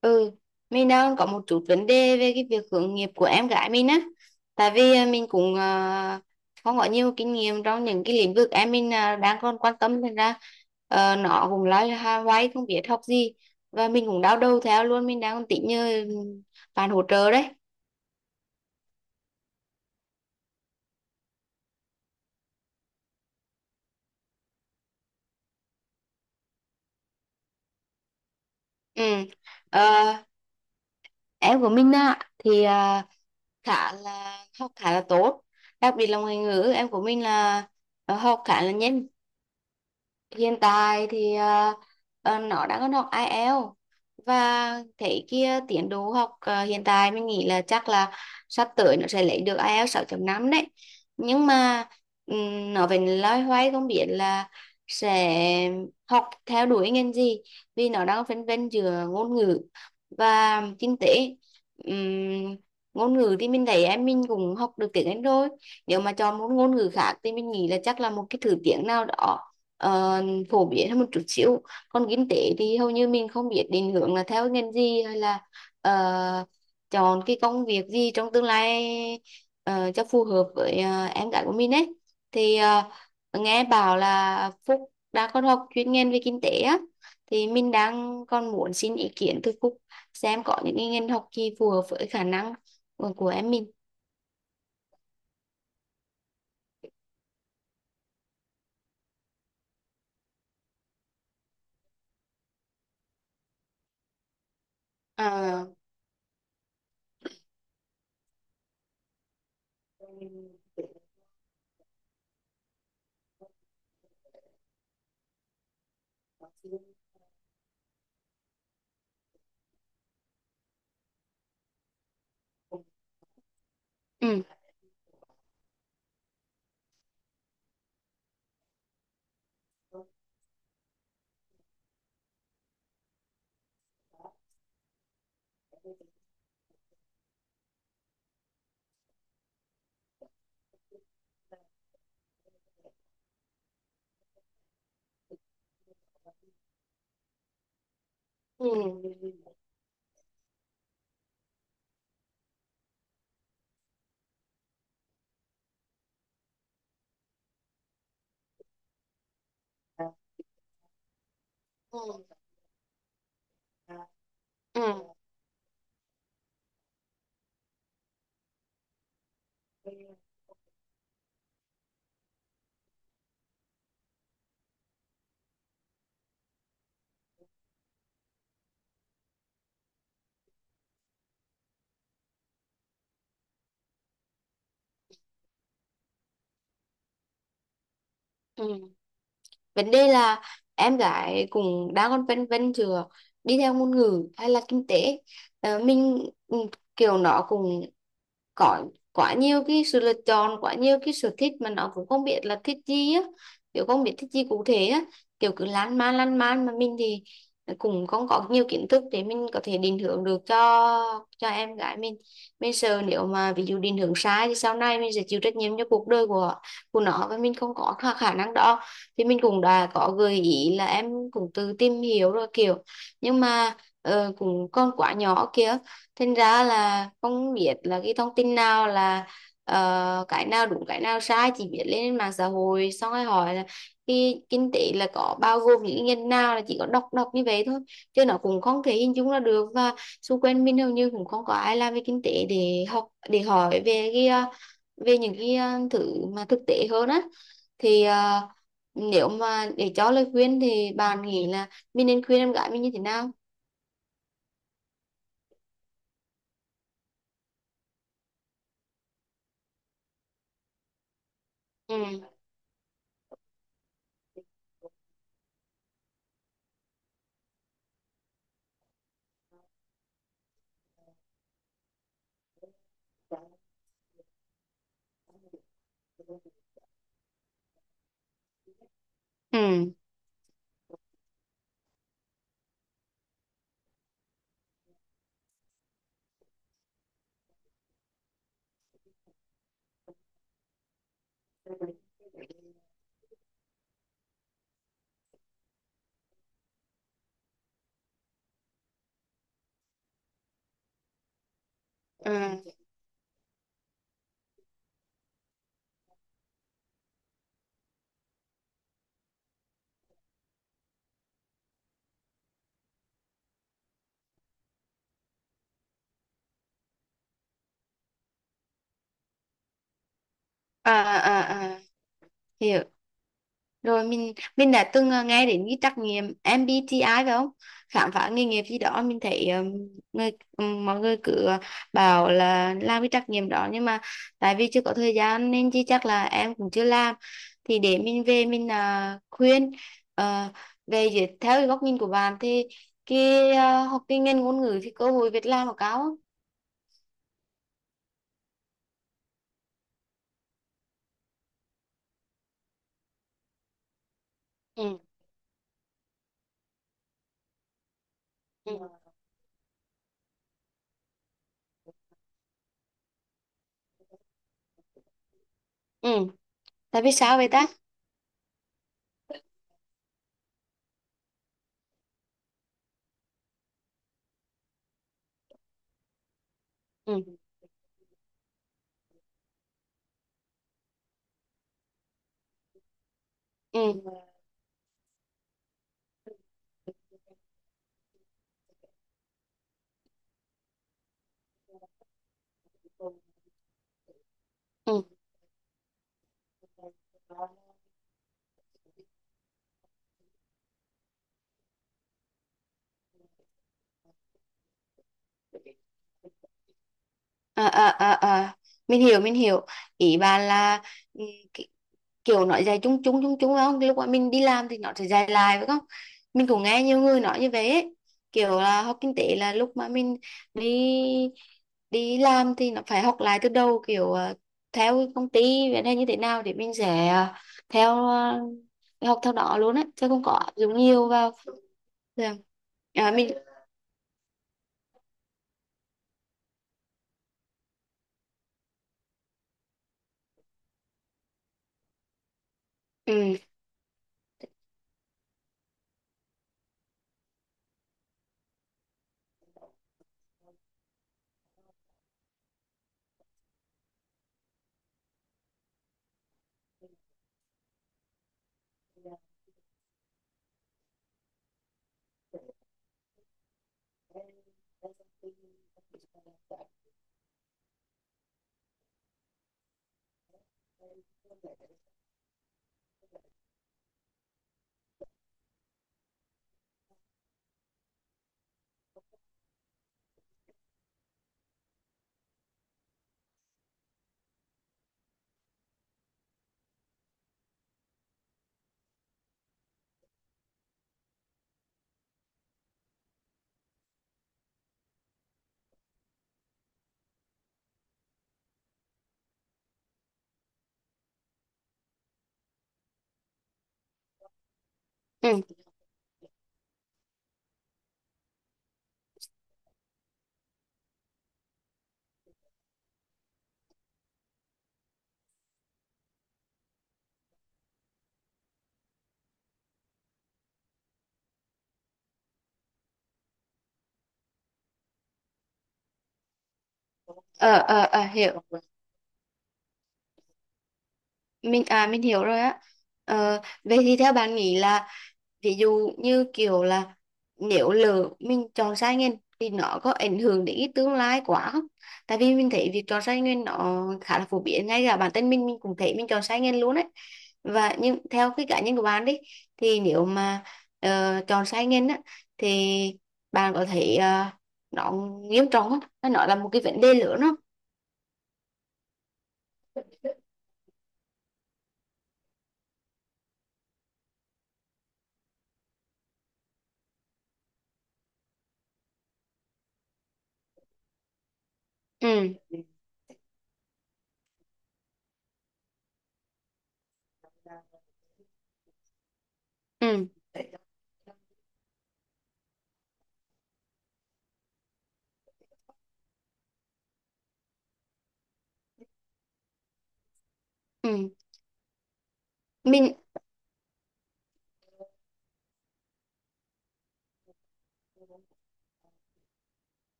Ừ, mình đang có một chút vấn đề về cái việc hướng nghiệp của em gái mình á. Tại vì mình cũng không có nhiều kinh nghiệm trong những cái lĩnh vực em mình đang còn quan tâm, thành ra nó cũng hoay không biết học gì, và mình cũng đau đầu theo luôn. Mình đang tính như bạn hỗ trợ đấy. Ừ. Ờ, em của mình á thì khá là học khá là tốt, đặc biệt là ngoại ngữ. Em của mình là học khá là nhanh. Hiện tại thì nó đang còn học IELTS, và thấy kia tiến độ học hiện tại mình nghĩ là chắc là sắp tới nó sẽ lấy được ai eo 6.5 đấy. Nhưng mà nó vẫn loay hoay không biết là sẽ học theo đuổi ngành gì, vì nó đang phân vân giữa ngôn ngữ và kinh tế. Ừm, Ngôn ngữ thì mình thấy em mình cũng học được tiếng Anh rồi, nếu mà chọn một ngôn ngữ khác thì mình nghĩ là chắc là một cái thứ tiếng nào đó ờ, phổ biến hơn một chút xíu. Còn kinh tế thì hầu như mình không biết định hướng là theo ngành gì hay là ờ, chọn cái công việc gì trong tương lai cho phù hợp với em gái của mình ấy. Thì nghe bảo là Phúc đã có học chuyên ngành về kinh tế á, thì mình đang còn muốn xin ý kiến từ Phúc xem có những cái ngành học gì phù hợp với khả năng của em mình. à, ừ. Ừ. Ừ. Ừ. Ừ. Vấn đề là em gái cũng đang còn phân vân giữa đi theo ngôn ngữ hay là kinh tế. Ờ, mình ừ, Kiểu nó cũng có quá nhiều cái sự lựa chọn, quá nhiều cái sở thích mà nó cũng không biết là thích gì á, kiểu không biết thích gì cụ thể á, kiểu cứ lan man lan man. Mà mình thì cũng không có nhiều kiến thức để mình có thể định hướng được cho em gái mình. Mình sợ nếu mà ví dụ định hướng sai thì sau này mình sẽ chịu trách nhiệm cho cuộc đời của nó, và mình không có khả khả năng đó. Thì mình cũng đã có gợi ý là em cũng tự tìm hiểu rồi kiểu, nhưng mà cũng còn quá nhỏ kia, thành ra là không biết là cái thông tin nào là cái nào đúng cái nào sai, chỉ biết lên mạng xã hội xong rồi hỏi là cái kinh tế là có bao gồm những nhân nào, là chỉ có đọc đọc như vậy thôi chứ nó cũng không thể hình dung ra được. Và xung quanh mình hầu như cũng không có ai làm về kinh tế để học để hỏi về cái về những cái thứ mà thực tế hơn á. Thì nếu mà để cho lời khuyên thì bạn nghĩ là mình nên khuyên em gái mình như thế nào? Ừ, ừ, ừ. À, à, à, hiểu rồi. Mình đã từng nghe đến cái trắc nghiệm MBTI, phải không, khám phá nghề nghiệp gì đó. Mình thấy người mọi người cứ bảo là làm cái trắc nghiệm đó, nhưng mà tại vì chưa có thời gian nên chứ chắc là em cũng chưa làm. Thì để mình về mình khuyên ờ, về dưới. Theo cái góc nhìn của bạn thì cái học cái ngành ngôn ngữ thì cơ hội việc làm nó cao không? Ừ, ừ, ừ. Tại vì sao vậy ta? Ừ, ừ, ừ. À, à, à, à. Mình hiểu, mình hiểu ý bà là ừ, ki- kiểu nói dài chung chung chung chung phải không, lúc mà mình đi làm thì nó sẽ dài lại, phải không. Mình cũng nghe nhiều người nói như vậy ấy. Kiểu là học kinh tế là lúc mà mình đi đi làm thì nó phải học lại từ đầu, kiểu theo công ty vậy, hay như thế nào để mình sẽ theo học theo đó luôn á chứ không có áp dụng nhiều vào. Dạ. Mình. Ừ. Ừ. Ờ, Hiểu. Mình hiểu rồi á. Ờ, vậy thì theo bạn nghĩ là, ví dụ như kiểu là, nếu lỡ mình chọn sai ngành thì nó có ảnh hưởng đến cái tương lai quá không? Tại vì mình thấy việc chọn sai ngành nó khá là phổ biến, ngay cả bản thân mình cũng thấy mình chọn sai ngành luôn đấy. Và nhưng theo cái cá nhân của bạn đi, thì nếu mà chọn sai ngành á thì bạn có thấy nó nghiêm trọng không? Nó là một cái vấn đề lớn không? Ừ. Ừ. Ừ. mình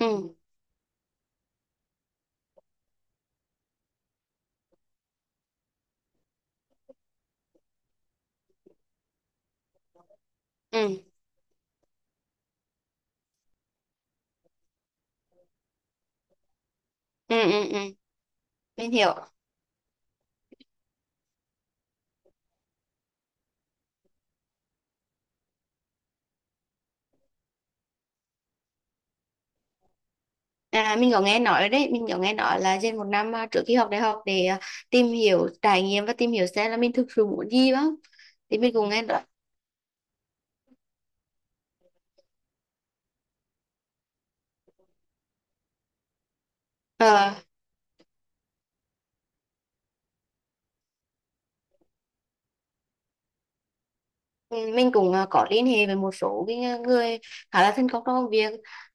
ừ, ừ, ừ, ừ, ừ. Mình hiểu. À, mình có nghe nói đấy, mình có nghe nói là dành một năm trước khi học đại học để tìm hiểu trải nghiệm và tìm hiểu xem là mình thực sự muốn gì đó. Thì mình cũng nghe nói ờ, ừ, mình cũng có liên hệ với một số cái người khá là thân công trong công việc.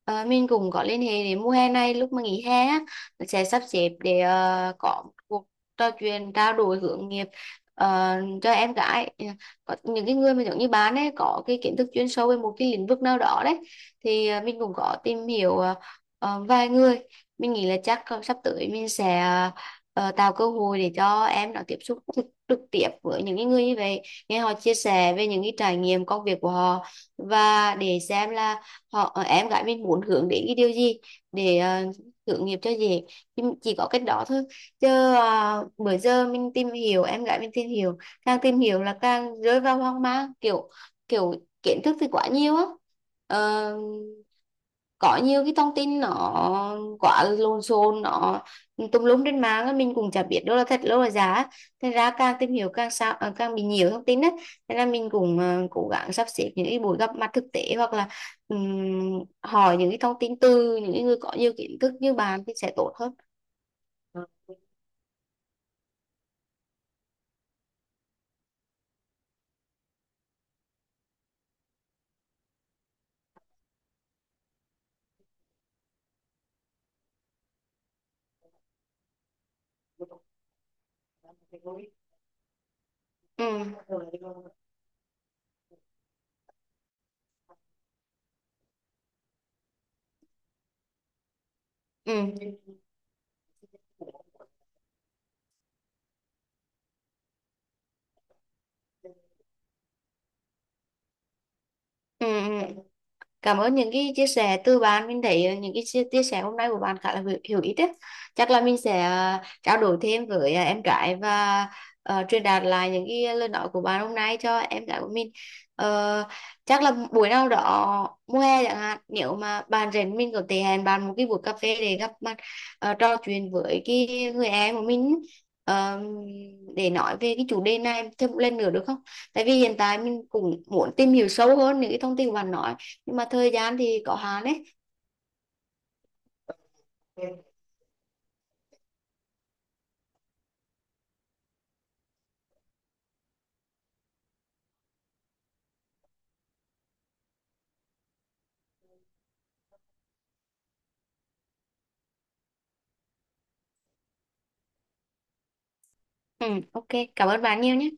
Ờ, mình cũng có liên hệ để mùa hè này, lúc mà nghỉ hè á, sẽ sắp xếp để có một cuộc trò chuyện trao đổi hướng nghiệp ờ, cho em gái. Ừ, có những cái người mà giống như bạn ấy, có cái kiến thức chuyên sâu về một cái lĩnh vực nào đó đấy, thì mình cũng có tìm hiểu vài người. Mình nghĩ là chắc sắp tới mình sẽ tạo cơ hội để cho em nó tiếp xúc trực tiếp với những cái người như vậy, nghe họ chia sẻ về những cái trải nghiệm công việc của họ. Và để xem là họ, em gái mình muốn hướng đến cái điều gì để uh, hướng nghiệp cho dễ. Chỉ có cách đó thôi, chứ bữa giờ mình tìm hiểu, em gái mình tìm hiểu, càng tìm hiểu là càng rơi vào hoang mang, kiểu kiểu kiến thức thì quá nhiều á. Ờ, có nhiều cái thông tin nó quá lộn xộn, nó tùm lum trên mạng á, mình cũng chả biết đâu là thật đâu là giả á. Thành ra càng tìm hiểu càng sao càng bị nhiều thông tin á. Nên là mình cũng cố gắng sắp xếp những cái buổi gặp mặt thực tế, hoặc là hỏi những cái thông tin từ những người có nhiều kiến thức như bạn thì sẽ tốt hơn. Ừ, ừ, ừ, ừ. Cảm ơn những cái chia sẻ từ bạn. Mình thấy những cái chia sẻ hôm nay của bạn khá là hữu ích đấy. Chắc là mình sẽ trao đổi thêm với em gái, và truyền đạt lại những cái lời nói của bạn hôm nay cho em gái của mình. Ờ, chắc là buổi nào đó mùa hè chẳng hạn, nếu mà bạn rảnh mình có thể hẹn bạn một cái buổi cà phê để gặp mặt, trò chuyện với cái người em của mình, ờ, để nói về cái chủ đề này thêm một lần nữa được không? Tại vì hiện tại mình cũng muốn tìm hiểu sâu hơn những cái thông tin của bạn nói, nhưng mà thời gian thì có hạn đấy. Ừ, ok, cảm ơn bạn nhiều nhé.